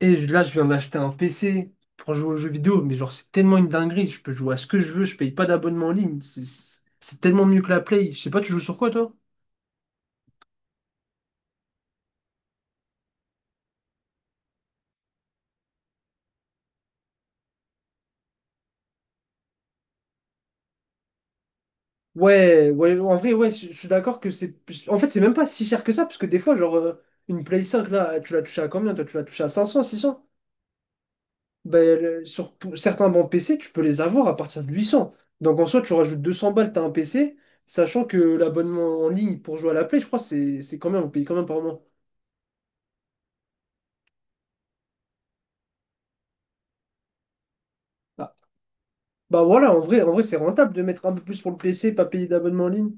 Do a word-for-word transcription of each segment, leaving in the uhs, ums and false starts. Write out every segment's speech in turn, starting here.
Et je- là, je viens d'acheter un P C pour jouer aux jeux vidéo, mais genre, c'est tellement une dinguerie. Je peux jouer à ce que je veux, je paye pas d'abonnement en ligne. C'est c'est- c'est tellement mieux que la Play. Je sais pas, tu joues sur quoi, toi? Ouais, ouais, en vrai, ouais, je je suis d'accord que c'est plus- en fait, c'est même pas si cher que ça, parce que des fois, genre, euh, une Play cinq, là, tu l'as touché à combien? Toi, tu l'as touché à cinq cents, six cents? Ben, le- sur p- certains bons P C, tu peux les avoir à partir de huit cents. Donc, en soi, tu rajoutes deux cents balles, t'as un P C, sachant que l'abonnement en ligne pour jouer à la Play, je crois, c'est c'est combien? Vous payez combien par mois? Bah voilà, en vrai, en vrai, c'est rentable de mettre un peu plus pour le P C, pas payer d'abonnement en ligne.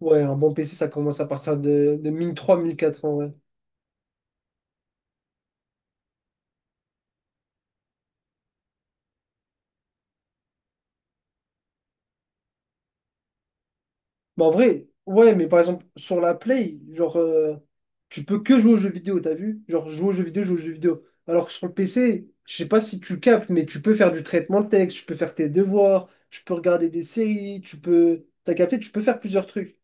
Ouais, un bon P C, ça commence à partir de, de mille trois mille quatre en vrai. Bah en vrai, ouais, mais par exemple, sur la Play, genre, euh, tu peux que jouer aux jeux vidéo, t'as vu? Genre, jouer aux jeux vidéo, jouer aux jeux vidéo. Alors que sur le P C, je sais pas si tu captes, mais tu peux faire du traitement de texte, tu peux faire tes devoirs, tu peux regarder des séries, tu peux, t'as capté, tu peux faire plusieurs trucs.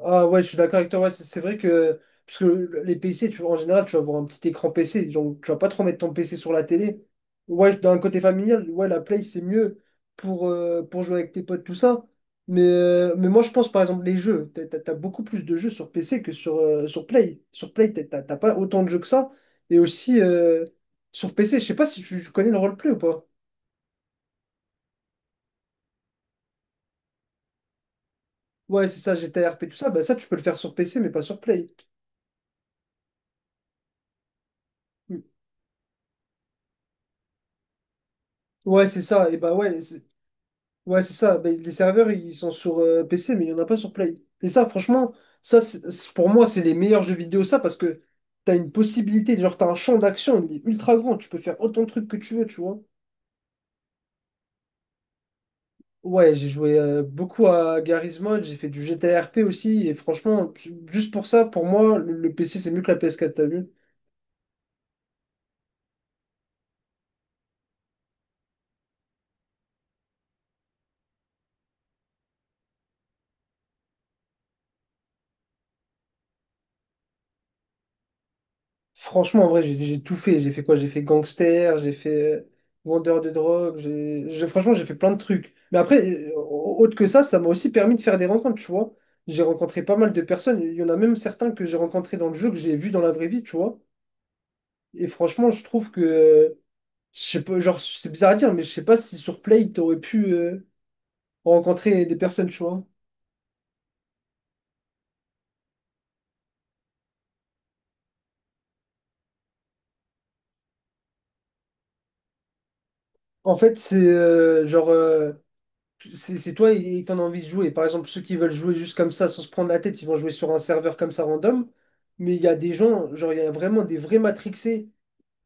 Ah ouais, je suis d'accord avec toi. Ouais, c'est c'est vrai que parce que le- les P C, tu, en général, tu vas avoir un petit écran P C, donc tu vas pas trop mettre ton P C sur la télé. Ouais, je- d'un côté familial, ouais, la Play, c'est mieux pour, euh, pour jouer avec tes potes, tout ça. Mais, euh, mais moi, je pense, par exemple, les jeux. T'as, t'as- t'as beaucoup plus de jeux sur P C que sur, euh, sur Play. Sur Play, t'as t'as- t'as pas autant de jeux que ça. Et aussi, euh, sur P C, je sais pas si tu, tu connais le roleplay ou pas. Ouais, c'est ça, G T A R P, tout ça. Bah ça, tu peux le faire sur P C, mais pas sur Play. Hmm. Ouais, c'est ça. Et bah ouais. Ouais, c'est ça. Ben, les serveurs, ils sont sur euh, P C, mais il n'y en a pas sur Play. Et ça, franchement, ça, c'est- c'est- pour moi, c'est les meilleurs jeux vidéo, ça, parce que t'as une possibilité, genre, t'as un champ d'action, il est ultra grand, tu peux faire autant de trucs que tu veux, tu vois. Ouais, j'ai joué euh, beaucoup à Garry's Mod, j'ai fait du G T A R P aussi, et franchement, ju- juste pour ça, pour moi, le, le P C, c'est mieux que la P S quatre, t'as vu? Franchement, en vrai, j'ai j'ai tout fait. J'ai fait quoi? J'ai fait gangster, j'ai fait euh, vendeur de drogue, j'ai, j'ai- franchement, j'ai fait plein de trucs. Mais après, euh, au- autre que ça, ça m'a aussi permis de faire des rencontres, tu vois. J'ai rencontré pas mal de personnes. Il y en a même certains que j'ai rencontrés dans le jeu, que j'ai vus dans la vraie vie, tu vois. Et franchement, je trouve que, euh, je sais pas, genre, c'est bizarre à dire, mais je sais pas si sur Play, t'aurais pu euh, rencontrer des personnes, tu vois. En fait, c'est euh, genre. euh, C'est c'est toi et t'en as envie de jouer. Par exemple, ceux qui veulent jouer juste comme ça, sans se prendre la tête, ils vont jouer sur un serveur comme ça random. Mais il y a des gens, genre il y a vraiment des vrais matrixés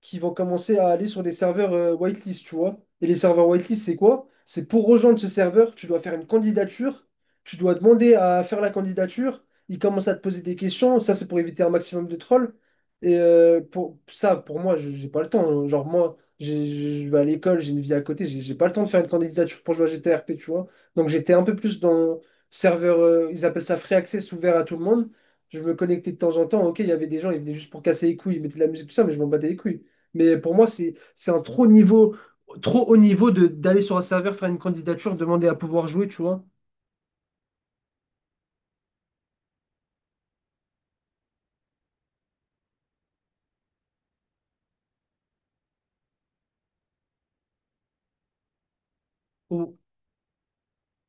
qui vont commencer à aller sur des serveurs euh, whitelist, tu vois. Et les serveurs whitelist, c'est quoi? C'est pour rejoindre ce serveur, tu dois faire une candidature, tu dois demander à faire la candidature, ils commencent à te poser des questions, ça c'est pour éviter un maximum de trolls. Et euh, pour ça, pour moi, je- j'ai pas le temps, hein. Genre moi, j'ai- je vais à l'école, j'ai une vie à côté, j'ai j'ai pas le temps de faire une candidature pour jouer à G T R P, tu vois. Donc j'étais un peu plus dans serveur, euh, ils appellent ça free access, ouvert à tout le monde. Je me connectais de temps en temps, ok, il y avait des gens, ils venaient juste pour casser les couilles, ils mettaient de la musique, tout ça, mais je m'en battais les couilles. Mais pour moi, c'est c'est un trop niveau, trop haut niveau de d'aller sur un serveur, faire une candidature, demander à pouvoir jouer, tu vois.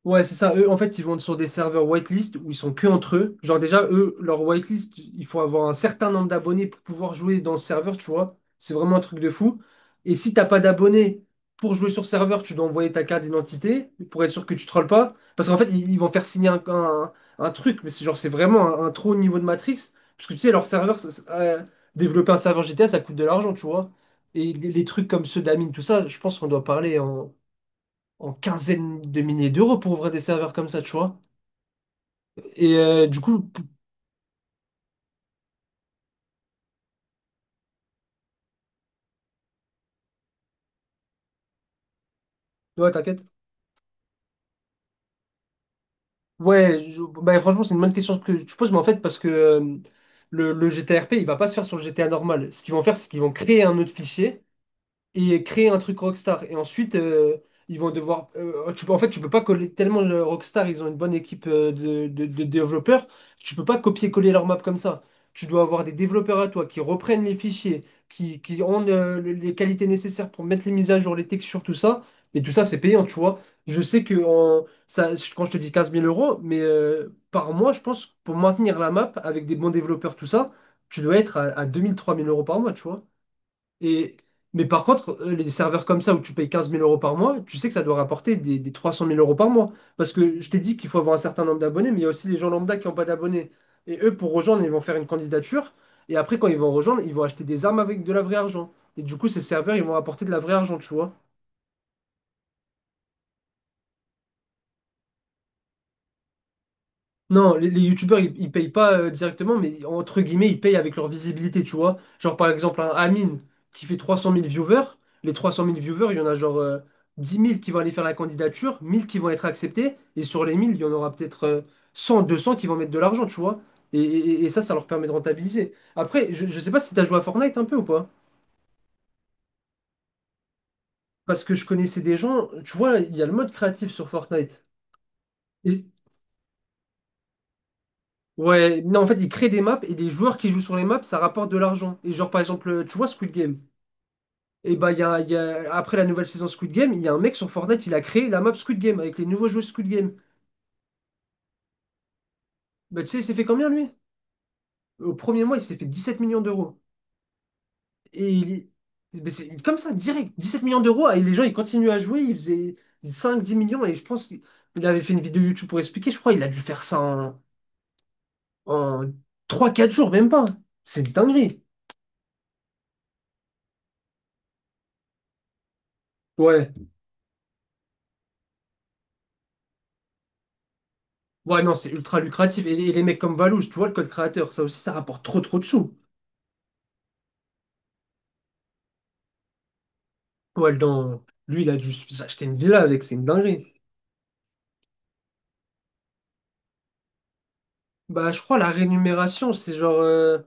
Ouais, c'est ça. Eux, en fait, ils vont sur des serveurs whitelist où ils sont que entre eux. Genre, déjà, eux, leur whitelist, il faut avoir un certain nombre d'abonnés pour pouvoir jouer dans ce serveur, tu vois. C'est vraiment un truc de fou. Et si t'as pas d'abonnés pour jouer sur serveur, tu dois envoyer ta carte d'identité pour être sûr que tu trolles pas. Parce qu'en fait, ils, ils vont faire signer un, un- un truc, mais c'est genre, c'est vraiment un, un trop haut niveau de Matrix. Parce que tu sais, leur serveur, ça- ça- euh, développer un serveur G T A, ça coûte de l'argent, tu vois. Et les, les trucs comme ceux d'Amine, tout ça, je pense qu'on doit parler en en quinzaine de milliers d'euros pour ouvrir des serveurs comme ça, tu vois. Et euh, du coup, p- ouais, t'inquiète. Ouais, je- bah, franchement, c'est une bonne question que tu poses, mais en fait, parce que euh, le, le G T R P, il va pas se faire sur le G T A normal. Ce qu'ils vont faire, c'est qu'ils vont créer un autre fichier et créer un truc Rockstar. Et ensuite, euh, ils vont devoir, euh, tu peux, en fait, tu peux pas coller tellement euh, Rockstar, ils ont une bonne équipe euh, de, de- de développeurs. Tu peux pas copier-coller leur map comme ça. Tu dois avoir des développeurs à toi qui reprennent les fichiers, qui, qui ont euh, le- les qualités nécessaires pour mettre les mises à jour, les textures, tout ça. Et tout ça, c'est payant, tu vois. Je sais que en- ça, quand je te dis quinze mille euros, mais euh, par mois, je pense, pour maintenir la map avec des bons développeurs, tout ça, tu dois être à, à deux mille, trois mille euros par mois, tu vois. Et, mais par contre, euh, les serveurs comme ça où tu payes quinze mille euros par mois, tu sais que ça doit rapporter des, des trois cent mille euros par mois. Parce que je t'ai dit qu'il faut avoir un certain nombre d'abonnés, mais il y a aussi les gens lambda qui n'ont pas d'abonnés. Et eux, pour rejoindre, ils vont faire une candidature. Et après, quand ils vont rejoindre, ils vont acheter des armes avec de la vraie argent. Et du coup, ces serveurs, ils vont apporter de la vraie argent, tu vois. Non, les, les youtubeurs, ils, ils payent pas euh, directement, mais entre guillemets, ils payent avec leur visibilité, tu vois. Genre, par exemple, un Amine qui fait trois cent mille viewers, les trois cent mille viewers, il y en a genre euh, dix mille qui vont aller faire la candidature, mille qui vont être acceptés, et sur les mille, il y en aura peut-être euh, cent, deux cents qui vont mettre de l'argent, tu vois. Et, et- et ça, ça leur permet de rentabiliser. Après, je, je sais pas si t'as joué à Fortnite un peu ou pas, parce que je connaissais des gens, tu vois, il y a le mode créatif sur Fortnite. Et ouais, non, en fait, ils créent des maps et des joueurs qui jouent sur les maps, ça rapporte de l'argent. Et genre, par exemple, euh, tu vois Squid Game. Et bah, il y a, il y a- après la nouvelle saison Squid Game, il y a un mec sur Fortnite, il a créé la map Squid Game avec les nouveaux joueurs Squid Game. Bah, tu sais, il s'est fait combien lui? Au premier mois, il s'est fait dix sept millions d'euros. Et il- mais c'est comme ça, direct, dix sept millions d'euros. Et les gens, ils continuent à jouer, ils faisaient cinq dix millions. Et je pense qu'il il avait fait une vidéo YouTube pour expliquer, je crois, il a dû faire ça en, en trois quatre jours, même pas. C'est une dinguerie. Ouais. Ouais, non, c'est ultra lucratif. Et, les et les mecs comme Valouz, tu vois, le code créateur, ça aussi, ça rapporte trop trop de sous. Ouais. dans... Lui, il a dû acheter une villa avec, c'est une dinguerie. Bah, je crois la rémunération, c'est genre, euh,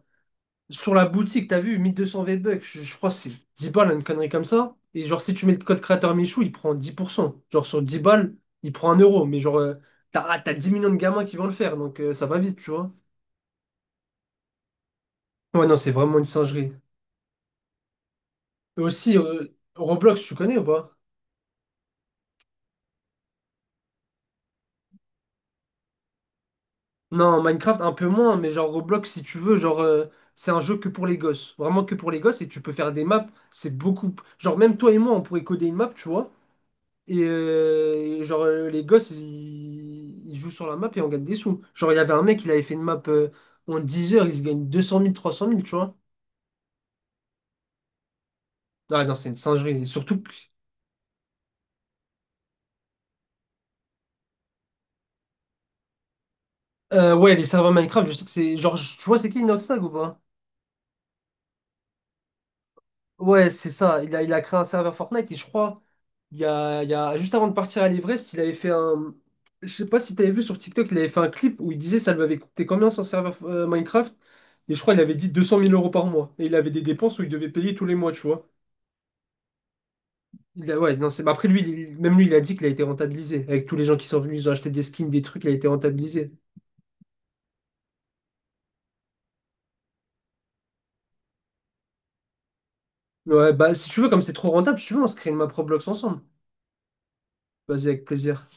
sur la boutique, t'as vu, mille deux cents V-Bucks, je, je crois que c'est dix balles, une connerie comme ça. Et genre, si tu mets le code créateur Michou, il prend dix pour cent. Genre, sur dix balles, il prend un euro. Mais genre, euh, t'as, ah, t'as dix millions de gamins qui vont le faire, donc euh, ça va vite, tu vois. Ouais, non, c'est vraiment une singerie. Et aussi, euh, Roblox, tu connais ou pas? Non, Minecraft un peu moins, mais genre Roblox si tu veux, genre euh, c'est un jeu que pour les gosses, vraiment que pour les gosses, et tu peux faire des maps, c'est beaucoup. Genre même toi et moi on pourrait coder une map, tu vois, et, euh, et genre euh, les gosses ils... ils jouent sur la map et on gagne des sous. Genre il y avait un mec, il avait fait une map euh, en dix heures, il se gagne deux cent mille, trois cent mille, tu vois. Ah non, c'est une singerie, surtout que euh, ouais, les serveurs Minecraft, je sais que c'est, genre tu vois c'est qui Inoxtag ou pas? Ouais, c'est ça. Il a, il a créé un serveur Fortnite et je crois, il y a, il y a, juste avant de partir à l'Everest, il avait fait un. Je sais pas si t'avais vu sur TikTok, il avait fait un clip où il disait ça lui avait coûté combien son serveur euh, Minecraft. Et je crois il avait dit deux cent mille euros par mois. Et il avait des dépenses où il devait payer tous les mois, tu vois. Il a, ouais, non, c'est, bah après lui, il- même lui, il a dit qu'il a été rentabilisé. Avec tous les gens qui sont venus, ils ont acheté des skins, des trucs, il a été rentabilisé. Ouais, bah si tu veux, comme c'est trop rentable, si tu veux, on se crée une map Roblox ensemble. Vas-y, avec plaisir.